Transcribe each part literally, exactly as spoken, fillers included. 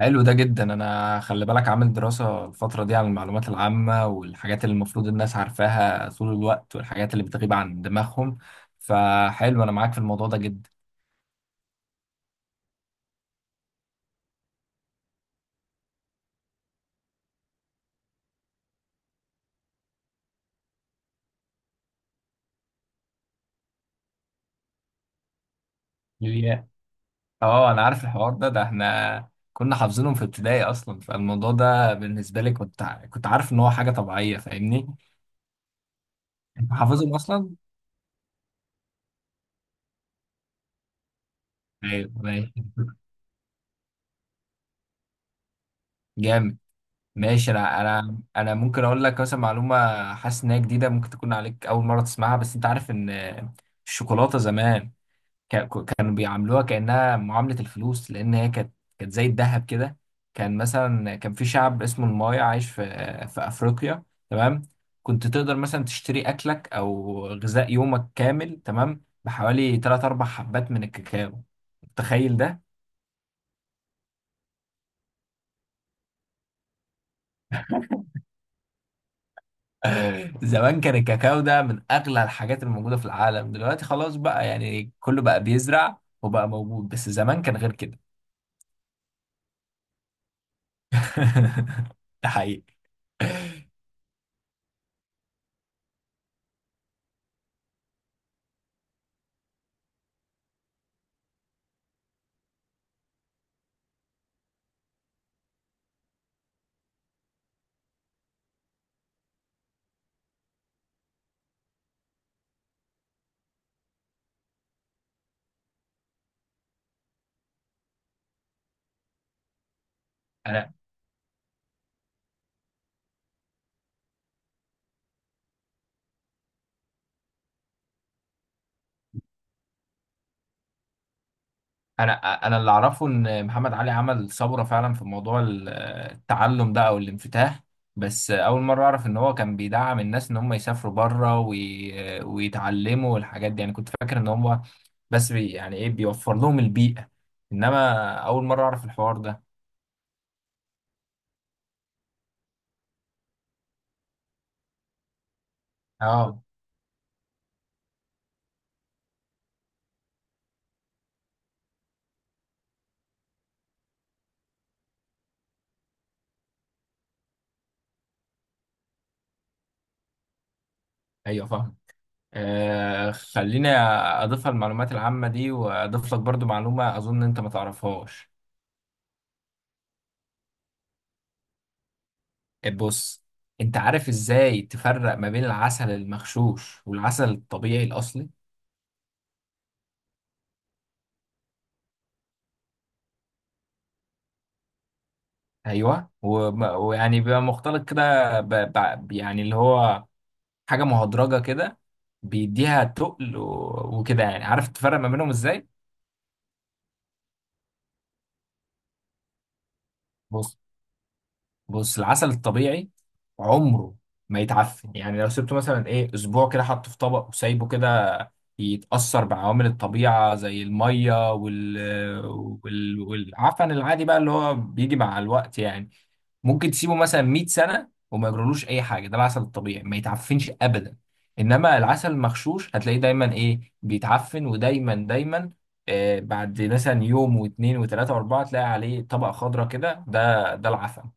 حلو ده جدا، انا خلي بالك عامل دراسة الفترة دي عن المعلومات العامة والحاجات اللي المفروض الناس عارفاها طول الوقت والحاجات اللي بتغيب عن دماغهم. فحلو انا معاك في الموضوع ده جدا. يا- اه، انا عارف الحوار ده ده احنا كنا حافظينهم في ابتدائي اصلا. فالموضوع ده بالنسبة لي كنت ع- كنت عارف ان هو حاجة طبيعية، فاهمني. انت حافظهم اصلا. ايوه، أيوة. جامد. ماشي، انا انا انا ممكن اقول لك مثلا معلومه. حاسس انها جديده، ممكن تكون عليك اول مره تسمعها. بس انت عارف ان الشوكولاته زمان كا- كانوا بيعاملوها كانها معامله الفلوس، لان هي كانت كانت زي الذهب كده. كان مثلا كان في شعب اسمه المايا، عايش في في افريقيا. تمام. كنت تقدر مثلا تشتري اكلك او غذاء يومك كامل، تمام؟ بحوالي ثلاث اربع حبات من الكاكاو. تخيل ده. زمان كان الكاكاو ده من اغلى الحاجات الموجوده في العالم. دلوقتي خلاص بقى، يعني كله بقى بيزرع وبقى موجود، بس زمان كان غير كده. ده حقيقي. انا انا انا اللي اعرفه ان محمد علي عمل ثوره فعلا في موضوع ال- التعلم ده او الانفتاح. بس اول مره اعرف ان هو كان بيدعم الناس ان هم يسافروا بره وي... ويتعلموا والحاجات دي. يعني كنت فاكر ان هم بس بي... يعني ايه، بيوفر لهم البيئه. انما اول مره اعرف الحوار ده. اه، ايوه، فاهم. آه خليني اضيفها المعلومات العامه دي، واضيف لك برضو معلومه اظن انت ما تعرفهاش. آه، بص، انت عارف ازاي تفرق ما بين العسل المغشوش والعسل الطبيعي الاصلي؟ ايوه، وم- ويعني بيبقى مختلط كده ب... ب... يعني اللي هو حاجه مهدرجه كده، بيديها تقل و... وكده. يعني عارف تفرق ما بينهم ازاي؟ بص، بص، العسل الطبيعي عمره ما يتعفن. يعني لو سبته مثلا ايه اسبوع كده، حطه في طبق وسايبه كده، يتأثر بعوامل الطبيعة زي المية وال... وال... والعفن العادي بقى، اللي هو بيجي مع الوقت يعني. ممكن تسيبه مثلا ميت سنة وما يجرالوش أي حاجة. ده العسل الطبيعي ما يتعفنش أبدا. إنما العسل المغشوش هتلاقيه دايما إيه، بيتعفن، ودايما دايما، آه بعد مثلا يوم واتنين وتلاتة وأربعة تلاقي عليه طبقة خضراء كده، ده ده العفن.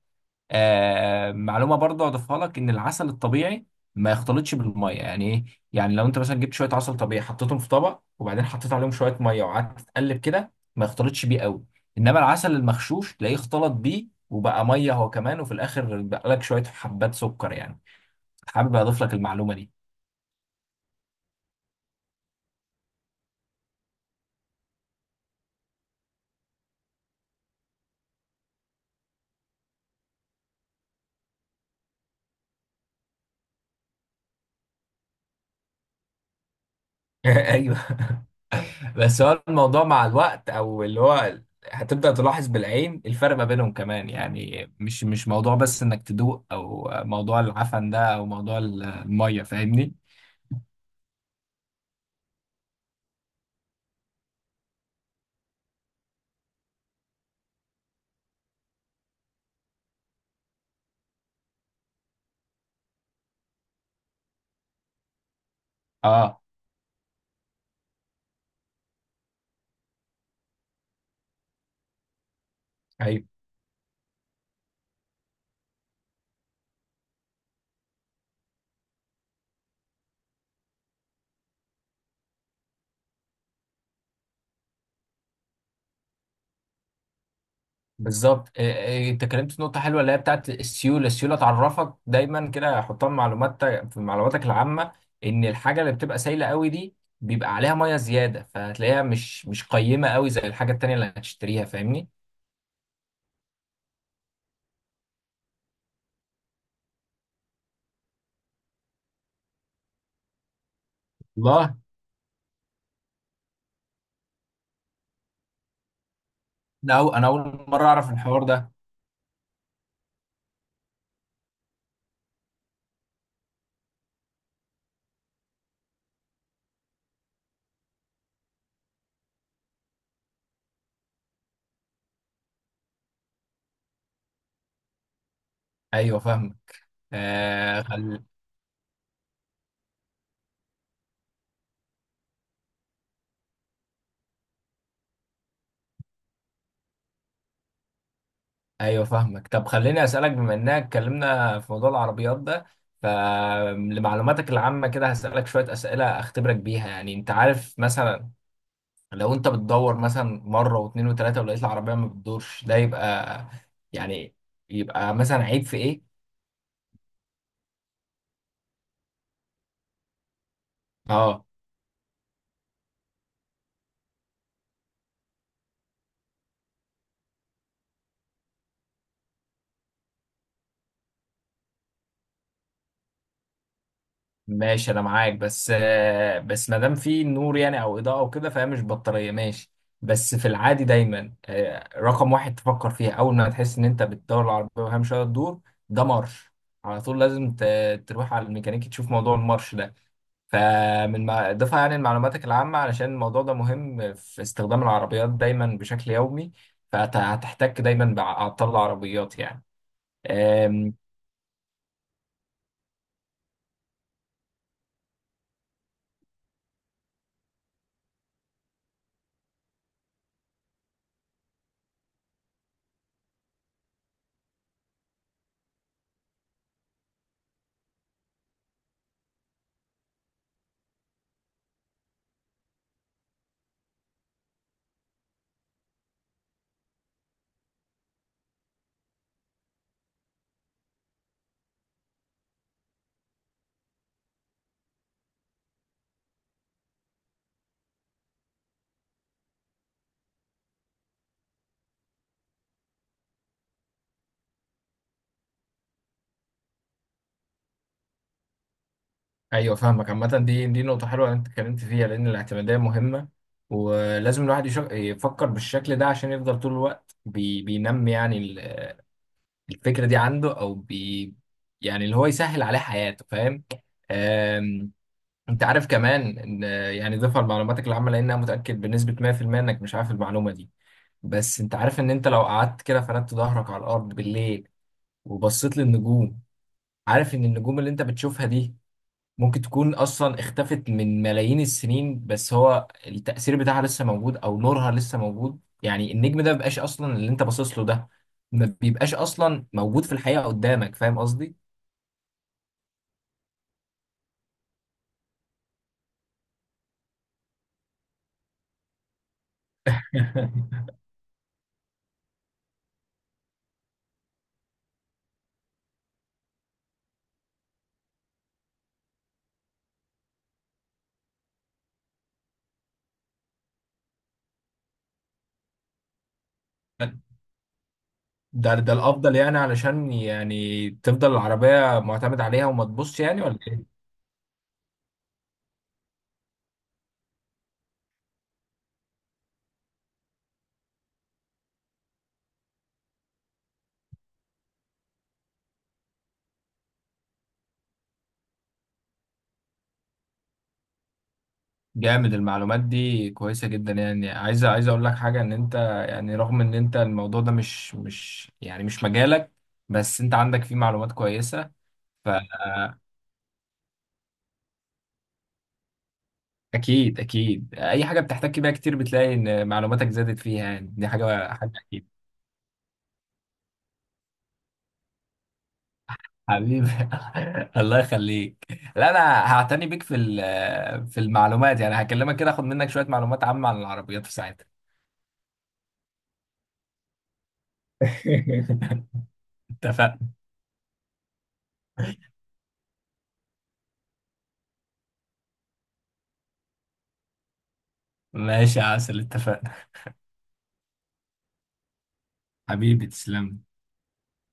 آه معلومه برضه اضيفها لك، ان العسل الطبيعي ما يختلطش بالميه، يعني ايه؟ يعني لو انت مثلا جبت شويه عسل طبيعي حطيتهم في طبق، وبعدين حطيت عليهم شويه ميه وقعدت تقلب كده، ما يختلطش بيه قوي. انما العسل المغشوش تلاقيه اختلط بيه وبقى ميه هو كمان، وفي الاخر بقى لك شويه حبات سكر يعني. حابب اضيف لك المعلومه دي. ايوه. بس هو الموضوع مع الوقت، او اللي هو، هتبدأ تلاحظ بالعين الفرق ما بينهم كمان. يعني مش مش موضوع بس انك تدوق، او موضوع العفن ده، او موضوع المية. فاهمني؟ اه، ايوه، بالظبط. إيه- إيه، انت اتكلمت في نقطة حلوة اللي هي بتاعت السيولة. السيولة تعرفك دايما كده، حطها في معلوماتك في معلوماتك العامة. ان الحاجة اللي بتبقى سايلة قوي دي، بيبقى عليها مية زيادة، فهتلاقيها مش مش قيمة قوي زي الحاجة التانية اللي هتشتريها. فاهمني؟ والله. لا، أو- انا اول مرة اعرف الحوار ده. ايوه، فاهمك. آه خل... ايوه، فاهمك. طب خليني اسالك، بما اننا اتكلمنا في موضوع العربيات ده، فلمعلوماتك العامه كده هسالك شويه اسئله اختبرك بيها. يعني انت عارف مثلا، لو انت بتدور مثلا مره واثنين وثلاثه ولقيت العربيه ما بتدورش، ده يبقى، يعني، يبقى مثلا عيب في ايه؟ اه، ماشي، انا معاك. بس آه، بس ما دام في نور يعني او اضاءه وكده، فهي مش بطاريه. ماشي. بس في العادي دايما آه، رقم واحد تفكر فيها اول ما تحس ان انت بتدور العربيه وهي مش قادره تدور، ده مرش. على طول لازم ت- تروح على الميكانيكي تشوف موضوع المرش ده. فمن ما اضافه يعني لمعلوماتك العامه، علشان الموضوع ده مهم في استخدام العربيات دايما بشكل يومي، فهتحتك دايما بعطال العربيات يعني. ايوه، فاهمك. عامة دي دي نقطة حلوة اللي انت اتكلمت فيها، لأن الاعتمادية مهمة. ولازم الواحد يشك... يفكر بالشكل ده عشان يفضل طول الوقت بي... بينمي، يعني ال- الفكرة دي عنده، أو بي... يعني اللي هو يسهل عليه حياته. فاهم؟ أم... أنت عارف كمان إن، يعني، ضيفها لمعلوماتك العامة، لأن أنا متأكد بنسبة مية في المية إنك مش عارف المعلومة دي. بس أنت عارف إن أنت لو قعدت كده فردت ظهرك على الأرض بالليل وبصيت للنجوم، عارف إن النجوم اللي أنت بتشوفها دي ممكن تكون اصلا اختفت من ملايين السنين، بس هو التأثير بتاعها لسه موجود او نورها لسه موجود. يعني النجم ده مبيبقاش اصلا، اللي انت باصص له ده ما بيبقاش اصلا موجود في الحقيقة قدامك. فاهم قصدي؟ ده ده الافضل يعني، علشان يعني تفضل العربية معتمد عليها وما تبصش يعني، ولا ايه؟ جامد. المعلومات دي كويسة جدا. يعني عايز عايز اقول لك حاجة، ان انت، يعني، رغم ان انت الموضوع ده مش مش يعني مش مجالك، بس انت عندك فيه معلومات كويسة. اكيد، اكيد. اي حاجه بتحتك بيها كتير بتلاقي ان معلوماتك زادت فيها، يعني دي حاجه حاجه اكيد. حبيبي. الله يخليك. لا انا هعتني بيك في ال- في المعلومات، يعني هكلمك كده اخد منك شويه معلومات عامه عن العربيات في ساعتها. اتفقنا. ماشي يا عسل، اتفقنا. حبيبي، تسلم.